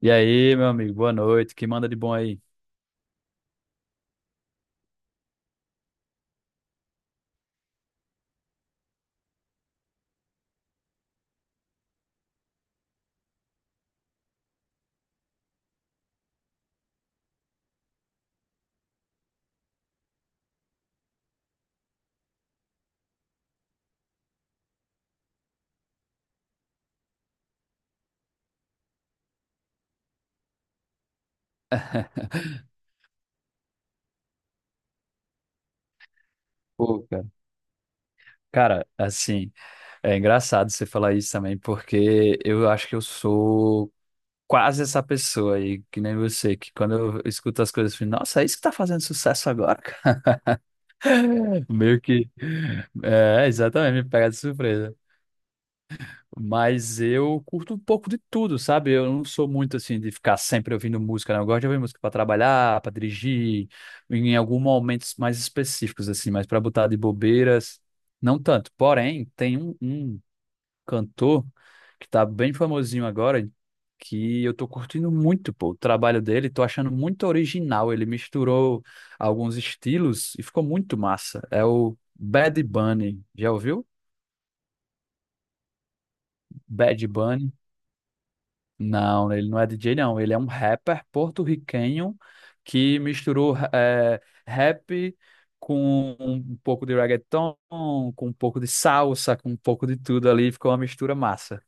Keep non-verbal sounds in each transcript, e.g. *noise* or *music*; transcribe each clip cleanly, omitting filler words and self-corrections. E aí, meu amigo, boa noite. Que manda de bom aí? *laughs* Pô, cara, Cara, assim, é engraçado você falar isso também, porque eu acho que eu sou quase essa pessoa aí, que nem você, que quando eu escuto as coisas, eu fico, nossa, é isso que tá fazendo sucesso agora, cara? *laughs* Meio que. É, exatamente, me pega de surpresa. Mas eu curto um pouco de tudo, sabe? Eu não sou muito assim de ficar sempre ouvindo música, não. Eu gosto de ouvir música para trabalhar, para dirigir, em alguns momentos mais específicos, assim, mas para botar de bobeiras, não tanto. Porém, tem um cantor que tá bem famosinho agora, que eu tô curtindo muito, pô, o trabalho dele, tô achando muito original. Ele misturou alguns estilos e ficou muito massa. É o Bad Bunny. Já ouviu? Bad Bunny. Não, ele não é DJ, não. Ele é um rapper porto-riquenho que misturou rap com um pouco de reggaeton, com um pouco de salsa, com um pouco de tudo ali. Ficou uma mistura massa.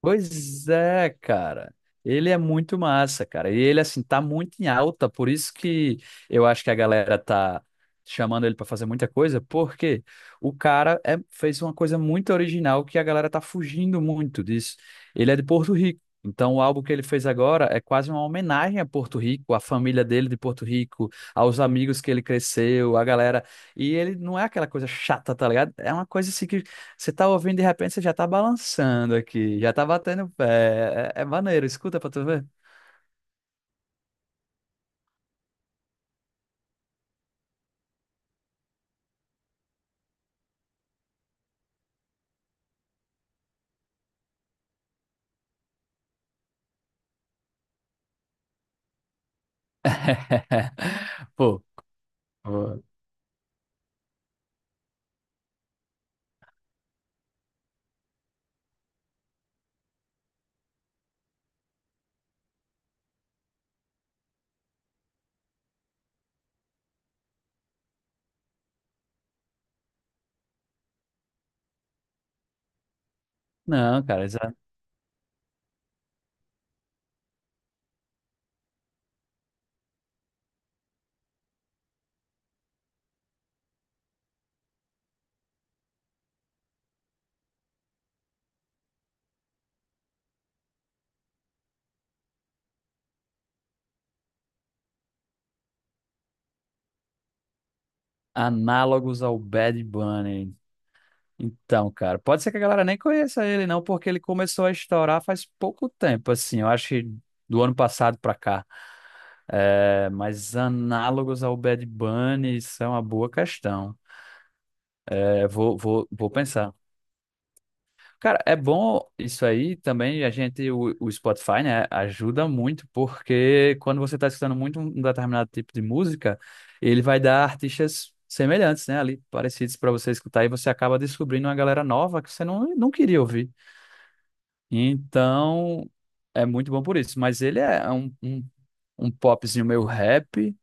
Pois é, cara. Ele é muito massa, cara. E ele, assim, tá muito em alta, por isso que eu acho que a galera tá chamando ele pra fazer muita coisa, porque o fez uma coisa muito original que a galera tá fugindo muito disso. Ele é de Porto Rico. Então, o álbum que ele fez agora é quase uma homenagem a Porto Rico, à família dele de Porto Rico, aos amigos que ele cresceu, a galera. E ele não é aquela coisa chata, tá ligado? É uma coisa assim que você tá ouvindo, de repente, você já tá balançando aqui, já tá batendo o pé. É, é maneiro, escuta pra tu ver. *laughs* Pô, pô. Não, cara, análogos ao Bad Bunny. Então, cara, pode ser que a galera nem conheça ele, não, porque ele começou a estourar faz pouco tempo, assim, eu acho que do ano passado pra cá. É, mas análogos ao Bad Bunny são uma boa questão. É, vou pensar. Cara, é bom isso aí também. A gente, o Spotify, né, ajuda muito, porque quando você está escutando muito um determinado tipo de música, ele vai dar artistas semelhantes, né, ali, parecidos para você escutar, e você acaba descobrindo uma galera nova que você não queria ouvir. Então, é muito bom por isso. Mas ele é um popzinho meio rap,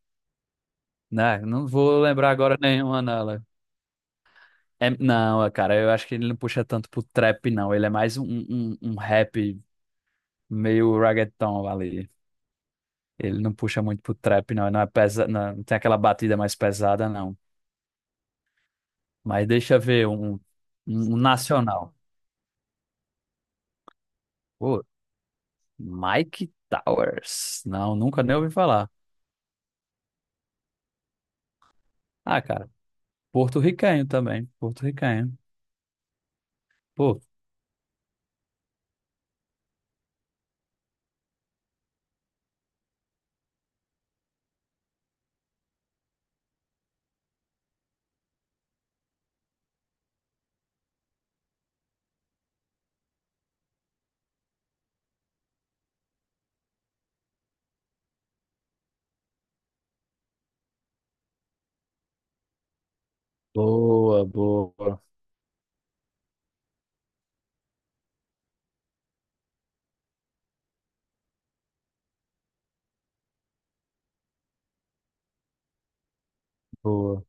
né? Não vou lembrar agora nenhuma nela. É, não, cara, eu acho que ele não puxa tanto pro trap, não. Ele é mais um rap. Meio reggaeton ali. Ele não puxa muito pro trap, não. Não é não, não tem aquela batida mais pesada, não. Mas deixa eu ver um nacional. Pô, Mike Towers. Não, nunca nem ouvi falar. Ah, cara, porto-riquenho também. Porto-riquenho. Pô, Boa, boa, boa.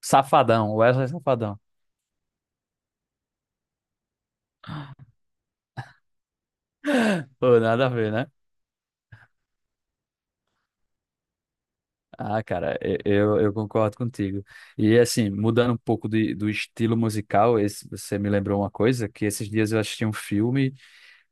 Safadão, Wesley Safadão. Pô, nada a ver, né? Ah, cara, eu concordo contigo. E assim, mudando um pouco de, do estilo musical, esse, você me lembrou uma coisa, que esses dias eu assisti um filme.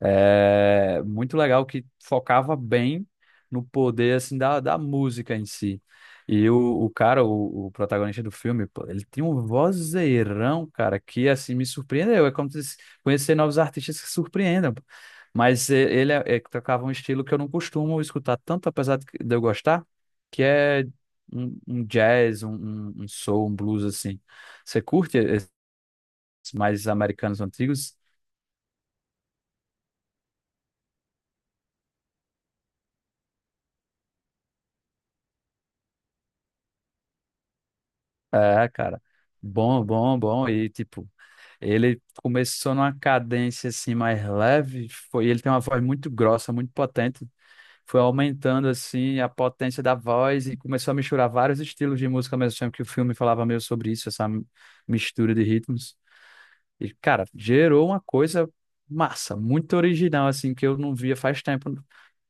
É muito legal que focava bem no poder assim da, da música em si. E o cara, o protagonista do filme, pô, ele tem um vozeirão, cara, que assim me surpreendeu. É como se conhecer novos artistas que surpreendam. Pô. Ele é que tocava um estilo que eu não costumo escutar tanto, apesar de eu gostar, que é um jazz, um um soul, um blues assim. Você curte esses mais americanos antigos? É, cara. Bom. E, tipo, ele começou numa cadência, assim, mais leve. Foi, ele tem uma voz muito grossa, muito potente. Foi aumentando, assim, a potência da voz e começou a misturar vários estilos de música ao mesmo tempo que o filme falava meio sobre isso, essa mistura de ritmos. E, cara, gerou uma coisa massa, muito original, assim, que eu não via faz tempo.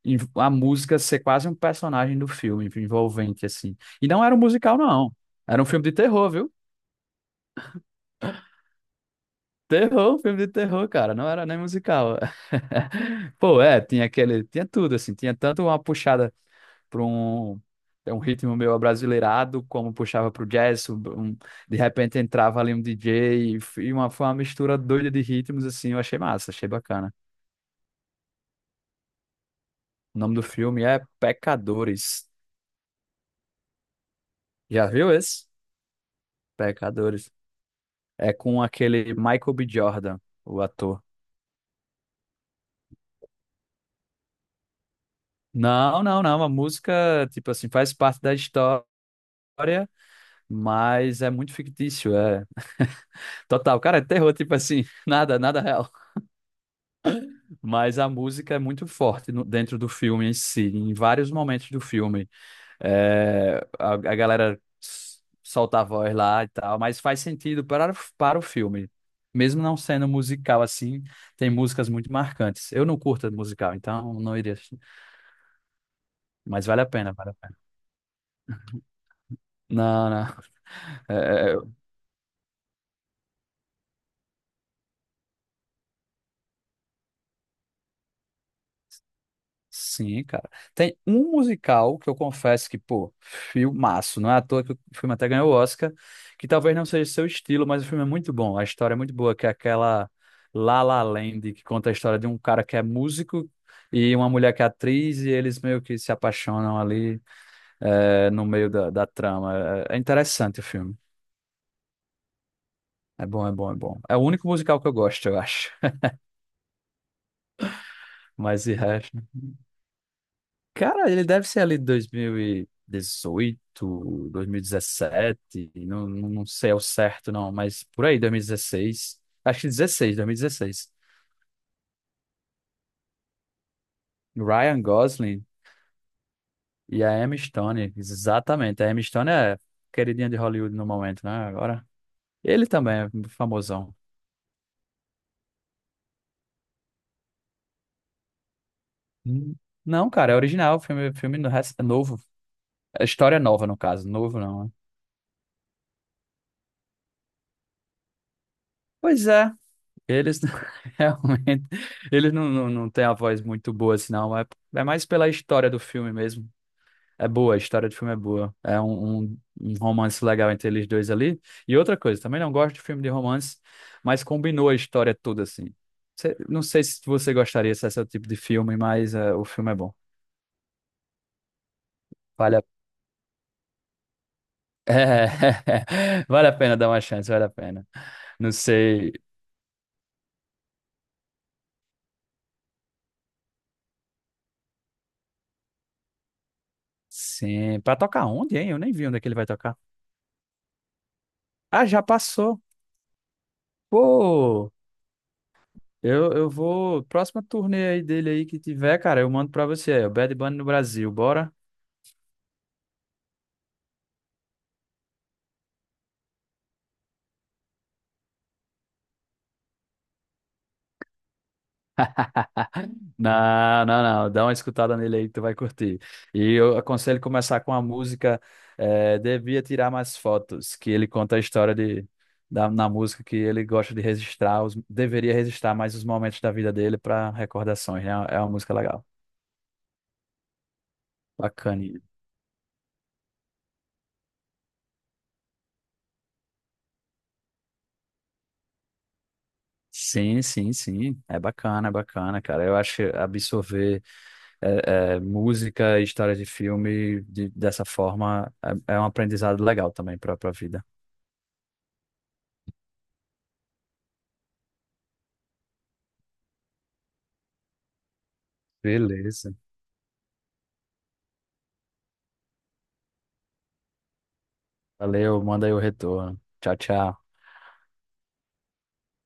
E a música ser quase um personagem do filme, envolvente, assim. E não era um musical, não. Era um filme de terror, viu? Terror, filme de terror, cara, não era nem musical. *laughs* Pô, é, tinha aquele, tinha tudo, assim, tinha tanto uma puxada para um, é um ritmo meio abrasileirado, como puxava pro jazz, um- de repente entrava ali um DJ, e uma, foi uma mistura doida de ritmos, assim, eu achei massa, achei bacana. O nome do filme é Pecadores. Já viu esse? Pecadores. É com aquele Michael B. Jordan, o ator. Não, a música, tipo assim, faz parte da história, mas é muito fictício, é *laughs* total. Cara, é terror, tipo assim, *laughs* nada real. Mas a música é muito forte dentro do filme em si, em vários momentos do filme. É, a galera solta a voz lá e tal, mas faz sentido para, para o filme. Mesmo não sendo musical assim, tem músicas muito marcantes. Eu não curto musical, então não iria assistir. Mas vale a pena, vale a pena. Não. *laughs* Sim, cara. Tem um musical que eu confesso que, pô, filmaço. Não é à toa que o filme até ganhou o Oscar, que talvez não seja seu estilo, mas o filme é muito bom. A história é muito boa, que é aquela La La Land, que conta a história de um cara que é músico e uma mulher que é atriz, e eles meio que se apaixonam ali, é, no meio da, da trama. É, é interessante o filme. É bom. É o único musical que eu gosto, eu acho. Mas de resto. Cara, ele deve ser ali de 2018, 2017, não sei ao certo não, mas por aí, dois mil e dezesseis, acho que dezesseis, dois mil e dezesseis. Ryan Gosling e a Emma Stone, exatamente. A Emma Stone é queridinha de Hollywood no momento, né? Agora, ele também é famosão. Hum. Não, cara, é original, filme, novo. É história nova, no caso, novo não, né? Pois é, eles *laughs* realmente eles não têm a voz muito boa, assim, não. É, é mais pela história do filme mesmo. É boa, a história do filme é boa. É um romance legal entre eles dois ali. E outra coisa, também não gosto de filme de romance, mas combinou a história toda, assim. Não sei se você gostaria se esse é o tipo de filme, mas é, o filme é bom. Vale a, *laughs* é, vale a pena dar uma chance, vale a pena. Não sei. Sim. Pra tocar onde, hein? Eu nem vi onde é que ele vai tocar. Ah, já passou. Pô! Eu vou. Próxima turnê aí dele aí que tiver, cara, eu mando pra você. É o Bad Bunny no Brasil, bora? Não. Dá uma escutada nele aí que tu vai curtir. E eu aconselho começar com a música Devia Tirar Mais Fotos, que ele conta a história de, da, na música que ele gosta de registrar, os, deveria registrar mais os momentos da vida dele para recordações, né? É uma música legal. Bacana. Sim. É bacana, cara. Eu acho que absorver. É, é, música e história de dessa forma é, é um aprendizado legal também para a vida. Beleza. Valeu, manda aí o retorno. Tchau, tchau.